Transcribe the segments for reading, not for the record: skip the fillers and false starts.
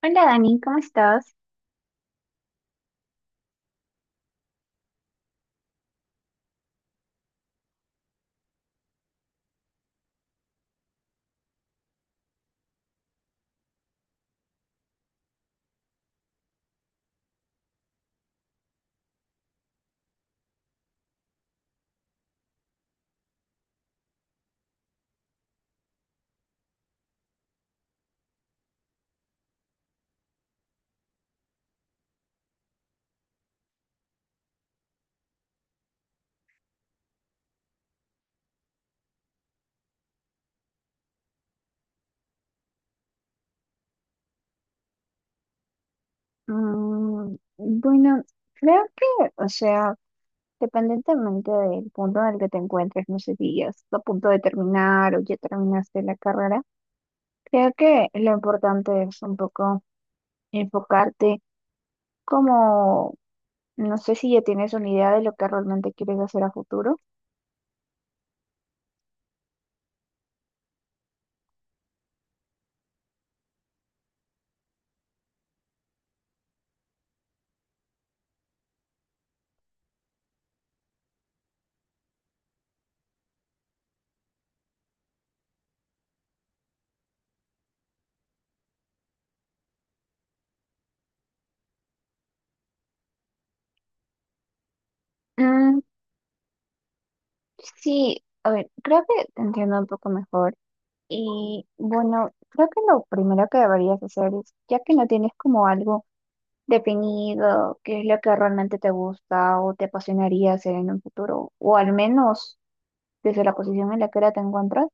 Hola Dani, ¿cómo estás? Bueno, creo que, o sea, dependientemente del punto en el que te encuentres, no sé si ya estás a punto de terminar o ya terminaste la carrera, creo que lo importante es un poco enfocarte como, no sé si ya tienes una idea de lo que realmente quieres hacer a futuro. Mm, sí, a ver, creo que te entiendo un poco mejor. Y bueno, creo que lo primero que deberías hacer es, ya que no tienes como algo definido, qué es lo que realmente te gusta o te apasionaría hacer en un futuro, o al menos desde la posición en la que ahora te encuentras,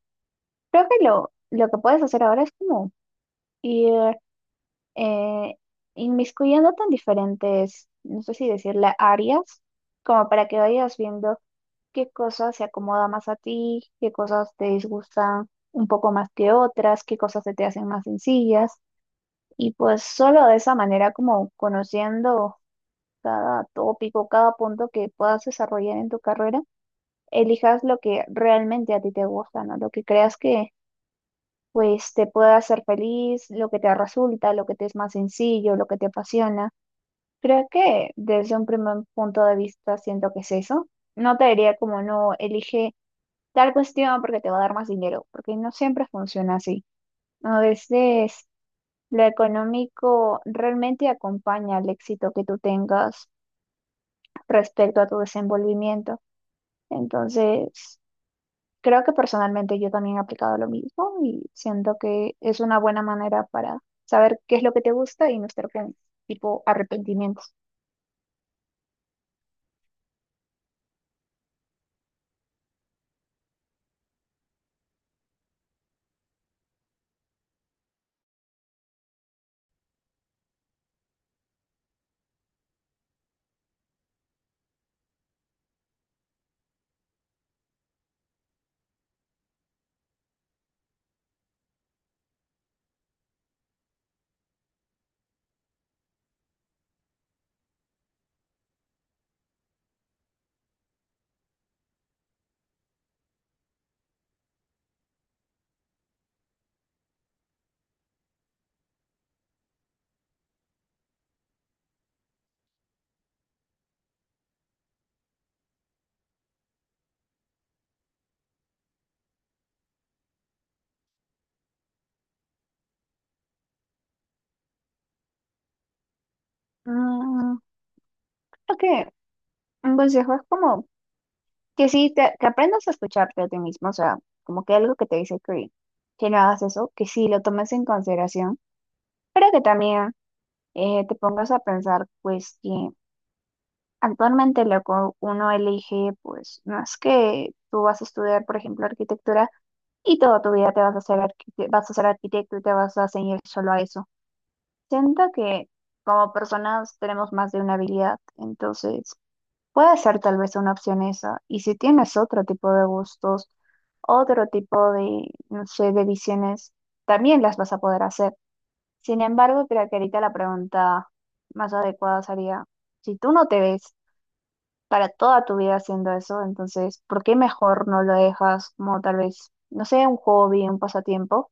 creo que lo que puedes hacer ahora es como ir eh, inmiscuyéndote en diferentes, no sé si decirle áreas, como para que vayas viendo qué cosas se acomoda más a ti, qué cosas te disgustan un poco más que otras, qué cosas se te hacen más sencillas. Y pues solo de esa manera, como conociendo cada tópico, cada punto que puedas desarrollar en tu carrera, elijas lo que realmente a ti te gusta, ¿no? Lo que creas que pues te pueda hacer feliz, lo que te resulta, lo que te es más sencillo, lo que te apasiona. Creo que desde un primer punto de vista siento que es eso. No te diría como no elige tal cuestión porque te va a dar más dinero, porque no siempre funciona así. A veces lo económico realmente acompaña al éxito que tú tengas respecto a tu desenvolvimiento. Entonces, creo que personalmente yo también he aplicado lo mismo y siento que es una buena manera para saber qué es lo que te gusta y no estar con tipo arrepentimientos. Mm, creo que un consejo es como que sí, que aprendas a escucharte a ti mismo, o sea, como que algo que te dice que no hagas eso, que sí lo tomes en consideración, pero que también te pongas a pensar, pues, que actualmente lo que uno elige, pues no es que tú vas a estudiar, por ejemplo, arquitectura y toda tu vida te vas a vas a ser arquitecto y te vas a ceñir solo a eso. Siento que como personas tenemos más de una habilidad, entonces puede ser tal vez una opción esa. Y si tienes otro tipo de gustos, otro tipo de, no sé, de visiones, también las vas a poder hacer. Sin embargo, creo que ahorita la pregunta más adecuada sería, si tú no te ves para toda tu vida haciendo eso, entonces, ¿por qué mejor no lo dejas como tal vez, no sé, un hobby, un pasatiempo,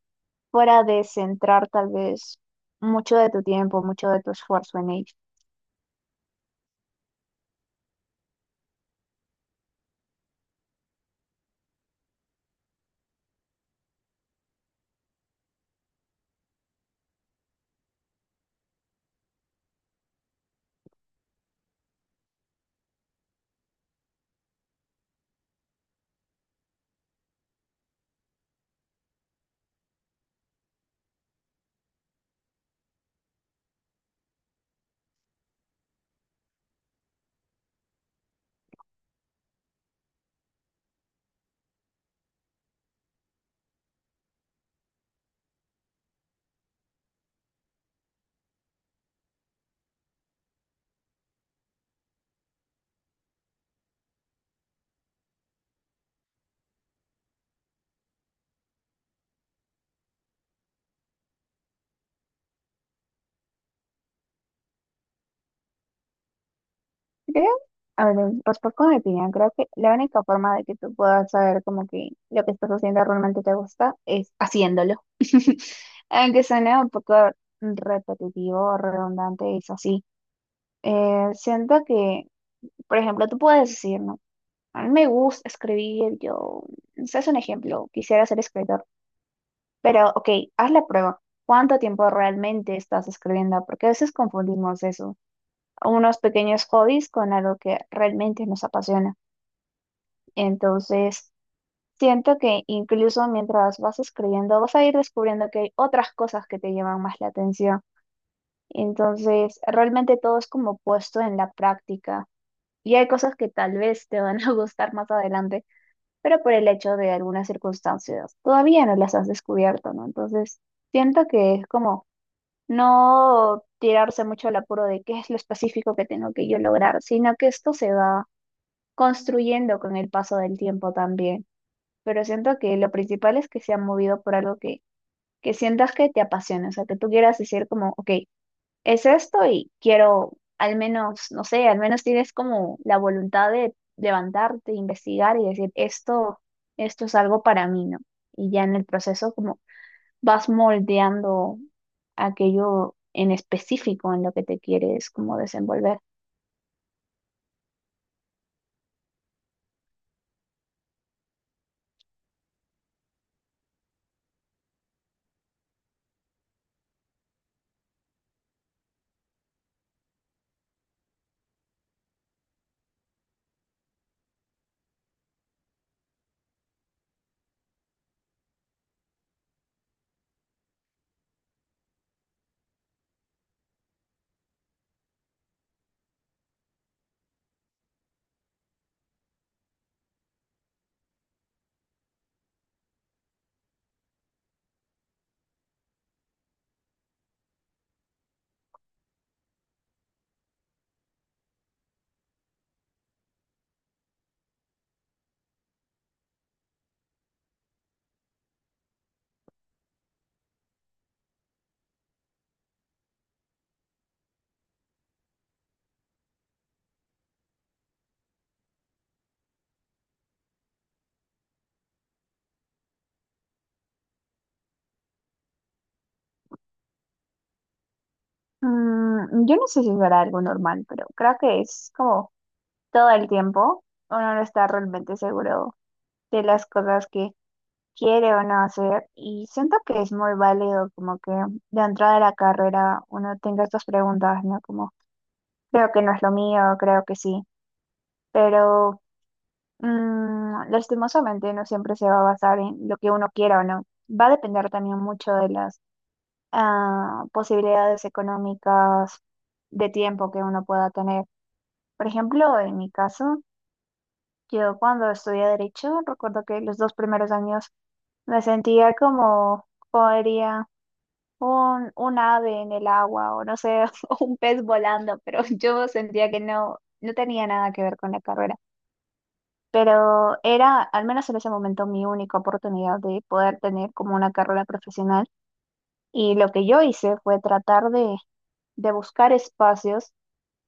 fuera de centrar tal vez mucho de tu tiempo, mucho de tu esfuerzo en ello? Creo, a ver, respecto a mi opinión, creo que la única forma de que tú puedas saber como que lo que estás haciendo realmente te gusta es haciéndolo. Aunque suene un poco repetitivo o redundante, es así. Siento que, por ejemplo, tú puedes decir, ¿no? A mí me gusta escribir, yo, ese es un ejemplo, quisiera ser escritor, pero ok, haz la prueba. ¿Cuánto tiempo realmente estás escribiendo? Porque a veces confundimos eso, unos pequeños hobbies con algo que realmente nos apasiona. Entonces, siento que incluso mientras vas escribiendo, vas a ir descubriendo que hay otras cosas que te llaman más la atención. Entonces, realmente todo es como puesto en la práctica y hay cosas que tal vez te van a gustar más adelante, pero por el hecho de algunas circunstancias todavía no las has descubierto, ¿no? Entonces, siento que es como no tirarse mucho al apuro de qué es lo específico que tengo que yo lograr, sino que esto se va construyendo con el paso del tiempo también. Pero siento que lo principal es que se ha movido por algo que sientas que te apasiona, o sea, que tú quieras decir como, ok, es esto y quiero, al menos, no sé, al menos tienes como la voluntad de levantarte, investigar y decir, esto es algo para mí, ¿no? Y ya en el proceso como vas moldeando aquello en específico en lo que te quieres como desenvolver. Yo no sé si será algo normal, pero creo que es como todo el tiempo uno no está realmente seguro de las cosas que quiere o no hacer. Y siento que es muy válido como que de entrada de la carrera uno tenga estas preguntas, ¿no? Como, creo que no es lo mío, creo que sí. Pero lastimosamente no siempre se va a basar en lo que uno quiera o no. Va a depender también mucho de las posibilidades económicas de tiempo que uno pueda tener. Por ejemplo, en mi caso, yo cuando estudié derecho, recuerdo que los dos primeros años me sentía como... podría un ave en el agua o no sé, o un pez volando, pero yo sentía que no tenía nada que ver con la carrera. Pero era, al menos en ese momento, mi única oportunidad de poder tener como una carrera profesional. Y lo que yo hice fue tratar de buscar espacios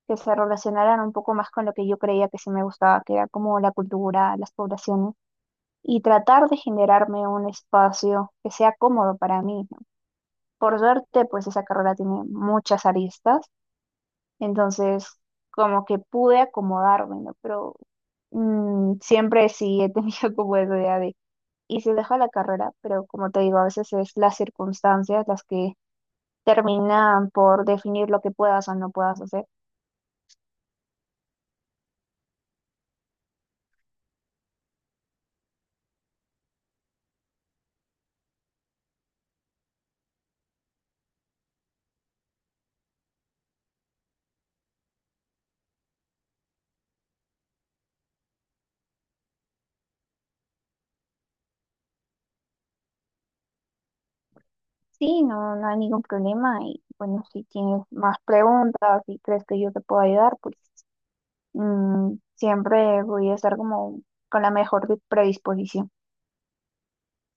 que se relacionaran un poco más con lo que yo creía que sí me gustaba, que era como la cultura, las poblaciones, y tratar de generarme un espacio que sea cómodo para mí. Por suerte, pues esa carrera tiene muchas aristas, entonces como que pude acomodarme, ¿no? Pero siempre sí he tenido como esa idea de, y se deja la carrera, pero como te digo, a veces es las circunstancias las que terminan por definir lo que puedas o no puedas hacer. Sí, no, no hay ningún problema y bueno, si tienes más preguntas, si crees que yo te puedo ayudar, pues siempre voy a estar como con la mejor predisposición.